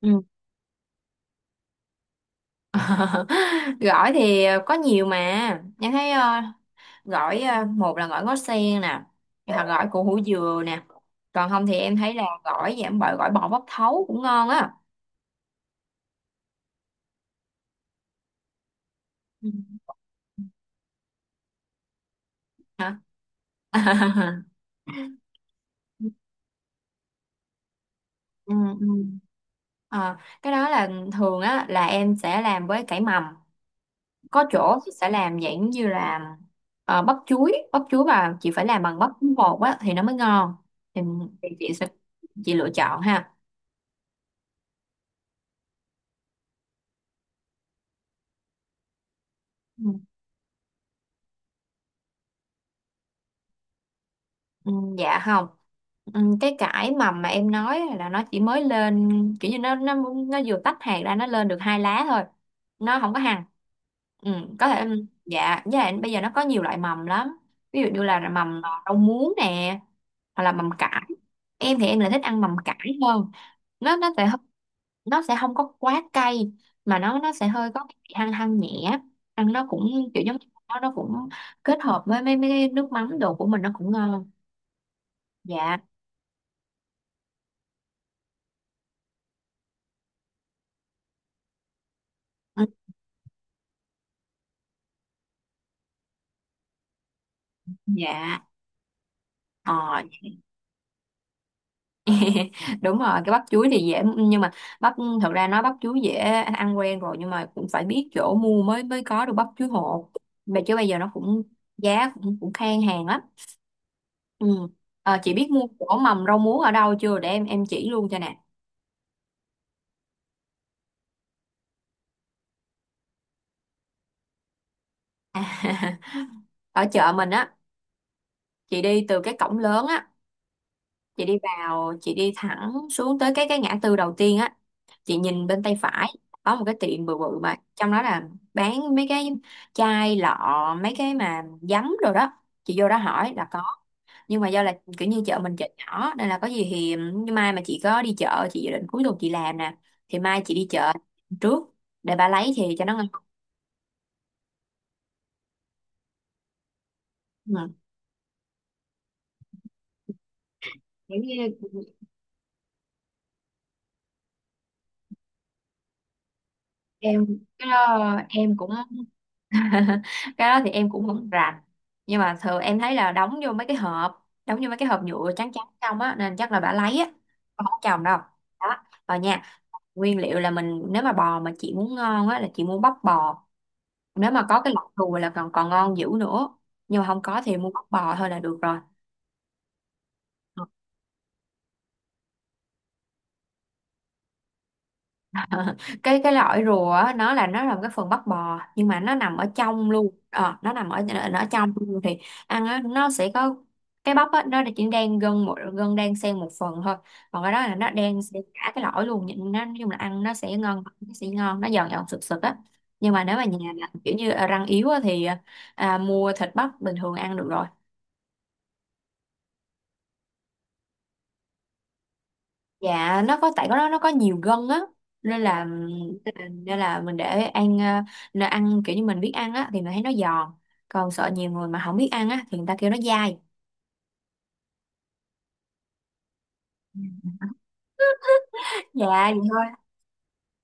Ừ. Gỏi thì có nhiều mà Nhân thấy gỏi, một là gỏi ngó sen nè, hoặc gỏi củ hủ dừa nè. Còn không thì em thấy là gỏi giảm bợ, gỏi bò bóc thấu cũng ngon á. Ừ. Hả? Ừ. Ừ. Ờ, cái đó là thường á, là em sẽ làm với cải mầm. Có chỗ thì sẽ làm dạng như là bắp chuối. Bắp chuối mà chị phải làm bằng bắp bột á thì nó mới ngon. thì, thì chị sẽ, chị lựa chọn ha. Ừ, dạ không. Ừ, cái cải mầm mà em nói là nó chỉ mới lên, kiểu như nó nó vừa tách hạt ra, nó lên được hai lá thôi, nó không có hằn. Ừ, có thể. Dạ với lại bây giờ nó có nhiều loại mầm lắm, ví dụ như là mầm rau muống nè, hoặc là mầm cải. Em thì em lại thích ăn mầm cải hơn. Nó sẽ hơi- nó sẽ không có quá cay, mà nó sẽ hơi có cái vị hăng hăng nhẹ. Ăn nó cũng kiểu giống như nó cũng kết hợp với mấy mấy cái nước mắm đồ của mình, nó cũng ngon. Dạ. Ừ, dạ ờ. Đúng rồi, cái bắp chuối thì dễ, nhưng mà bắp, thật ra nói bắp chuối dễ ăn quen rồi, nhưng mà cũng phải biết chỗ mua mới mới có được bắp chuối hột. Mà chứ bây giờ nó cũng giá cũng, cũng khan hàng lắm. Ừ. Ờ, chị biết mua chỗ mầm rau muống ở đâu chưa để em chỉ luôn cho nè. Ở chợ mình á, chị đi từ cái cổng lớn á, chị đi vào, chị đi thẳng xuống tới cái ngã tư đầu tiên á, chị nhìn bên tay phải có một cái tiệm bự bự mà trong đó là bán mấy cái chai lọ, mấy cái mà giấm rồi đó. Chị vô đó hỏi là có. Nhưng mà do là kiểu như chợ mình chợ nhỏ, nên là có gì thì, nhưng mai mà chị có đi chợ, chị dự định cuối tuần chị làm nè, thì mai chị đi chợ trước để bà lấy thì cho nó ngon. Ừ. Kiểu như, em cái đó em cũng cái đó thì em cũng không rành. Nhưng mà thường em thấy là đóng vô mấy cái hộp, đóng vô mấy cái hộp nhựa trắng trắng trong á, nên chắc là bà lấy á, không có chồng đâu. Đó rồi nha. Nguyên liệu là mình, nếu mà bò mà chị muốn ngon á là chị mua bắp bò. Nếu mà có cái lọc đùi là còn còn ngon dữ nữa, nhưng mà không có thì mua bắp bò thôi là được rồi. Cái lõi rùa á, nó là một cái phần bắp bò, nhưng mà nó nằm ở trong luôn. Ờ, nó nằm ở, nó ở trong luôn thì ăn á, nó sẽ có cái bắp á, nó chỉ đang gân, một gân đang xen một phần thôi. Còn cái đó là nó đang xen cả cái lõi luôn, nhìn nó nói chung là ăn nó sẽ ngon, nó giòn giòn sực sực á. Nhưng mà nếu mà nhà là kiểu như răng yếu á, thì à, mua thịt bắp bình thường ăn được rồi. Dạ nó có, tại nó có nhiều gân á, nên là nên là mình để ăn, nó ăn kiểu như mình biết ăn á thì mình thấy nó giòn. Còn sợ nhiều người mà không biết ăn á thì người ta kêu nó dai. Ừ. Dạ vậy thôi.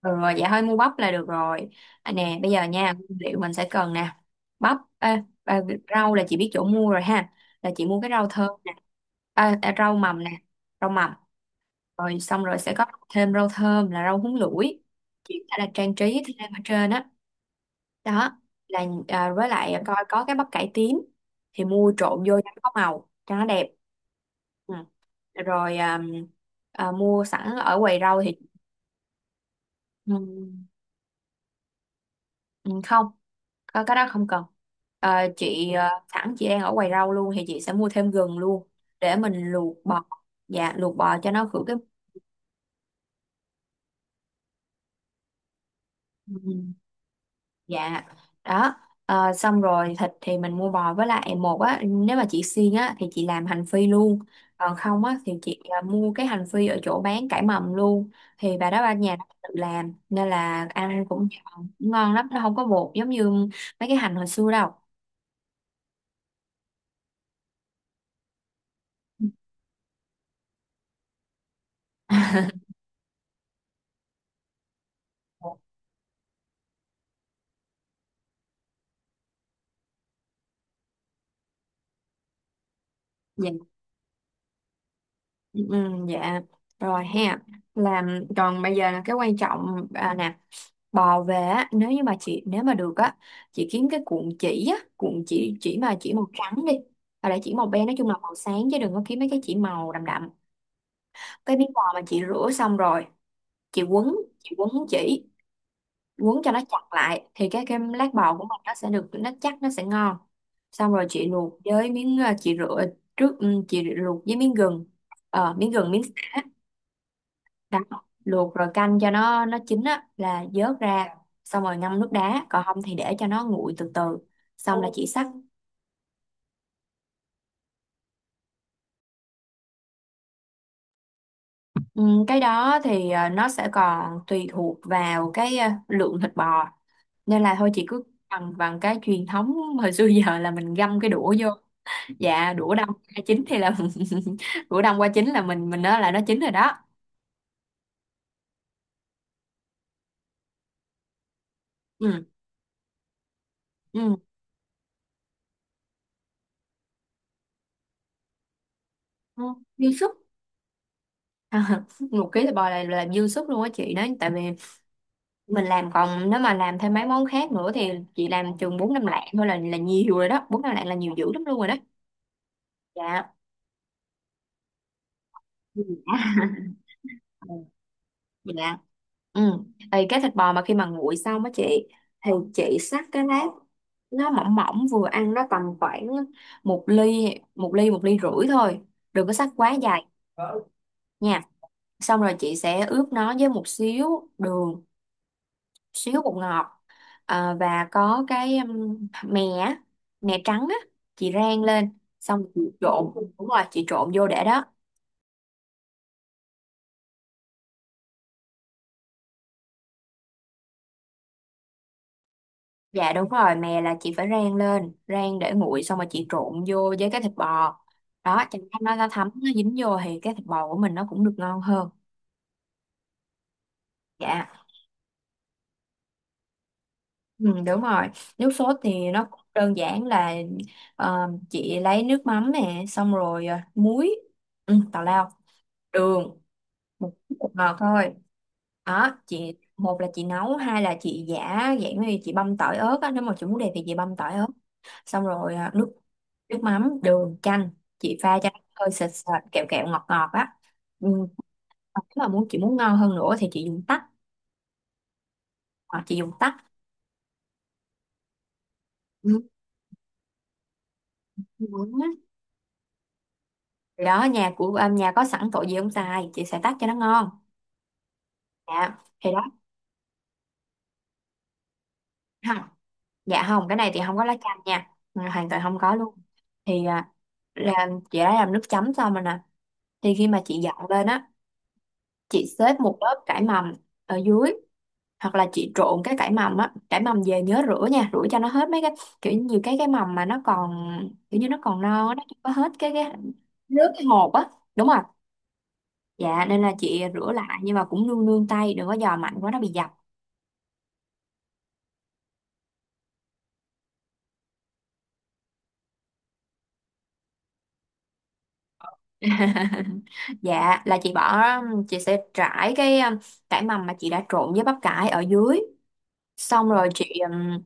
Ừ, rồi dạ thôi mua bắp là được rồi. À, nè bây giờ nha, nguyên liệu mình sẽ cần nè: bắp, ê, à, rau là chị biết chỗ mua rồi ha, là chị mua cái rau thơm nè, à, à, rau mầm nè, rau mầm. Rồi xong rồi sẽ có thêm rau thơm là rau húng lủi, chỉ là trang trí thêm ở trên á. Đó. Là à, với lại coi có cái bắp cải tím thì mua trộn vô cho nó có màu, cho nó đẹp. Ừ. Rồi à, à, mua sẵn ở quầy rau thì. Ừ, ừ, không, có cái đó không cần. Ờ, chị sẵn chị đang ở quầy rau luôn thì chị sẽ mua thêm gừng luôn, để mình luộc bò. Dạ luộc bò cho nó khử cái. Ừ. Dạ. Đó. Ờ, xong rồi thịt thì mình mua bò với lại một á, nếu mà chị xiên á thì chị làm hành phi luôn. Còn không á thì chị à, mua cái hành phi ở chỗ bán cải mầm luôn. Thì bà đó ba nhà nó tự làm nên là ăn cũng ngon ngon lắm, nó không có bột giống như mấy cái hành hồi xưa đâu. Dạ. Ừ, dạ rồi ha. Làm còn bây giờ là cái quan trọng à, nè. Bò về á, nếu như mà chị, nếu mà được á, chị kiếm cái cuộn chỉ á, cuộn chỉ mà chỉ màu trắng đi, hoặc là chỉ màu be, nói chung là màu sáng, chứ đừng có kiếm mấy cái chỉ màu đậm đậm. Cái miếng bò mà chị rửa xong rồi, chị quấn chị quấn chỉ, quấn cho nó chặt lại thì cái lát bò của mình nó sẽ được, nó chắc, nó sẽ ngon. Xong rồi chị luộc với miếng chị rửa trước, ừ, chị luộc với miếng gừng, ờ, miếng gừng, miếng sả, đá. Luộc rồi canh cho nó chín á là vớt ra, xong rồi ngâm nước đá, còn không thì để cho nó nguội từ từ, xong là chỉ xắt. Ừ, cái đó thì nó sẽ còn tùy thuộc vào cái lượng thịt bò, nên là thôi chị cứ bằng bằng cái truyền thống hồi xưa giờ là mình găm cái đũa vô. Dạ đũa đông qua chín thì là đũa đông qua chín là mình nói là nó chín rồi đó. Ừ. Ừ, ừ. Dư sức. 1 ký thịt bò là dư sức luôn á chị, nói tại vì mình làm. Còn nếu mà làm thêm mấy món khác nữa thì chị làm chừng bốn năm lạng thôi là nhiều rồi đó, bốn năm lạng là nhiều dữ lắm luôn rồi đó. Dạ. Ừ. Ừ, dạ ừ. Thì cái thịt bò mà khi mà nguội xong á chị, thì chị xắt cái lát, nó mỏng mỏng vừa ăn, nó tầm khoảng một ly, một ly rưỡi thôi, đừng có xắt quá dài nha. Xong rồi chị sẽ ướp nó với một xíu đường, xíu bột ngọt. Ờ, và có cái mè á, mè trắng á, chị rang lên, xong chị trộn. Đúng rồi, chị trộn vô để đó. Dạ đúng rồi, mè là chị phải rang lên, rang để nguội xong rồi chị trộn vô với cái thịt bò đó, cho nó thấm, nó dính vô thì cái thịt bò của mình nó cũng được ngon hơn. Dạ. Ừ, đúng rồi. Nước sốt thì nó cũng đơn giản là chị lấy nước mắm nè, xong rồi muối, ừ, tào lao, đường, một một ngọt thôi. Đó, chị một là chị nấu, hai là chị giả dạng như chị băm tỏi ớt á, nếu mà chị muốn đẹp thì chị băm tỏi ớt. Xong rồi à, nước nước mắm, đường, chanh, chị pha cho nó hơi sệt sệt kẹo kẹo ngọt ngọt á. Ừ. Còn nếu mà muốn, chị muốn ngon hơn nữa thì chị dùng tắc, hoặc chị dùng tắc. Ừ. Ngon á. Thì đó, nhà của à, nhà có sẵn tội gì không xài, chị sẽ tắc cho nó ngon. Dạ thì đó. Không, dạ không, cái này thì không có lá chanh nha. Ừ, hoàn toàn không có luôn. Thì à, làm, chị đã làm nước chấm xong rồi nè. Thì khi mà chị dọn lên á, chị xếp một lớp cải mầm ở dưới, hoặc là chị trộn cái cải mầm á. Cải mầm về nhớ rửa nha, rửa cho nó hết mấy cái, kiểu như nhiều cái mầm mà nó còn, kiểu như nó còn non á, nó chưa có hết cái nước, cái hột á. Đúng rồi. Dạ nên là chị rửa lại, nhưng mà cũng nương nương tay, đừng có giò mạnh quá nó bị dập. Dạ là chị bỏ, chị sẽ trải cái cải mầm mà chị đã trộn với bắp cải ở dưới, xong rồi chị ừm,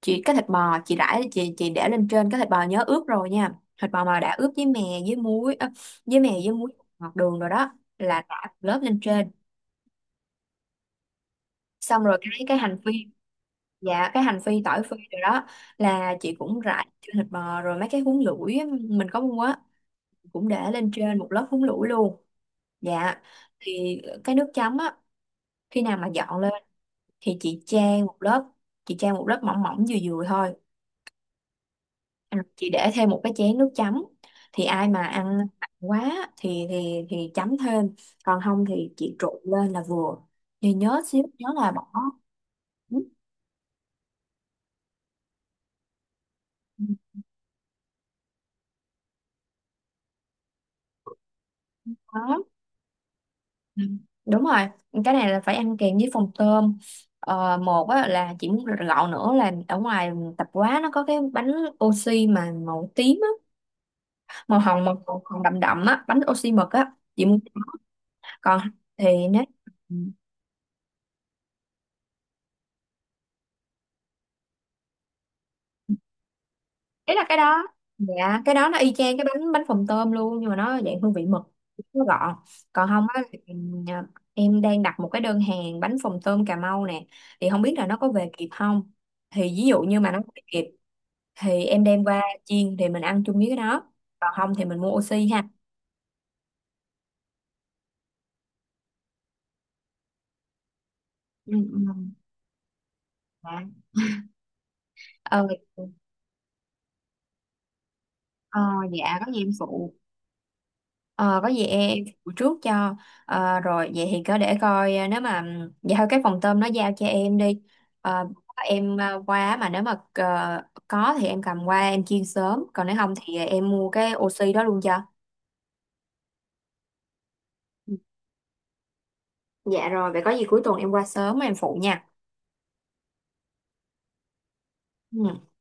chị, cái thịt bò chị rải, chị để lên trên. Cái thịt bò nhớ ướp rồi nha, thịt bò mà đã ướp với mè, với muối, ơ, với mè với muối, ngọt đường rồi đó, là rải một lớp lên trên. Xong rồi cái hành phi. Dạ cái hành phi, tỏi phi rồi đó, là chị cũng rải trên thịt bò. Rồi mấy cái húng lủi á, mình có mua á, cũng để lên trên một lớp húng lủi luôn. Dạ. Thì cái nước chấm á, khi nào mà dọn lên thì chị chan một lớp mỏng mỏng vừa vừa thôi. Ừ, chị để thêm một cái chén nước chấm, thì ai mà ăn mặn quá thì thì chấm thêm, còn không thì chị trộn lên là vừa. Thì nhớ xíu, nhớ là bỏ nước. Đó. Ừ. Đúng rồi, cái này là phải ăn kèm với phần tôm. Ờ, một á, là chị muốn gọn nữa là ở ngoài tạp hóa nó có cái bánh oxy mà màu tím á, màu hồng màu, màu hồng đậm đậm á, bánh oxy mực á chị muốn. Còn thì nếu, đấy là cái đó. Dạ, cái đó nó y chang cái bánh bánh phồng tôm luôn, nhưng mà nó dạng hương vị mực, nó gọn. Còn không á em đang đặt một cái đơn hàng bánh phồng tôm Cà Mau nè, thì không biết là nó có về kịp không. Thì ví dụ như mà nó về kịp thì em đem qua chiên, thì mình ăn chung với cái đó. Còn không thì mình mua oxy ha. Ừ, ừ. Dạ. Ờ, ờ, dạ có gì em phụ. Ờ, có gì em phụ trước cho. Ờ, rồi vậy thì cứ để coi, nếu mà vậy thôi, cái phòng tôm nó giao cho em đi. Ờ, em qua, mà nếu mà có thì em cầm qua em chiên sớm, còn nếu không thì em mua cái oxy đó luôn cho. Ừ. Dạ rồi vậy có gì cuối tuần em qua sớm em phụ nha. Ừ.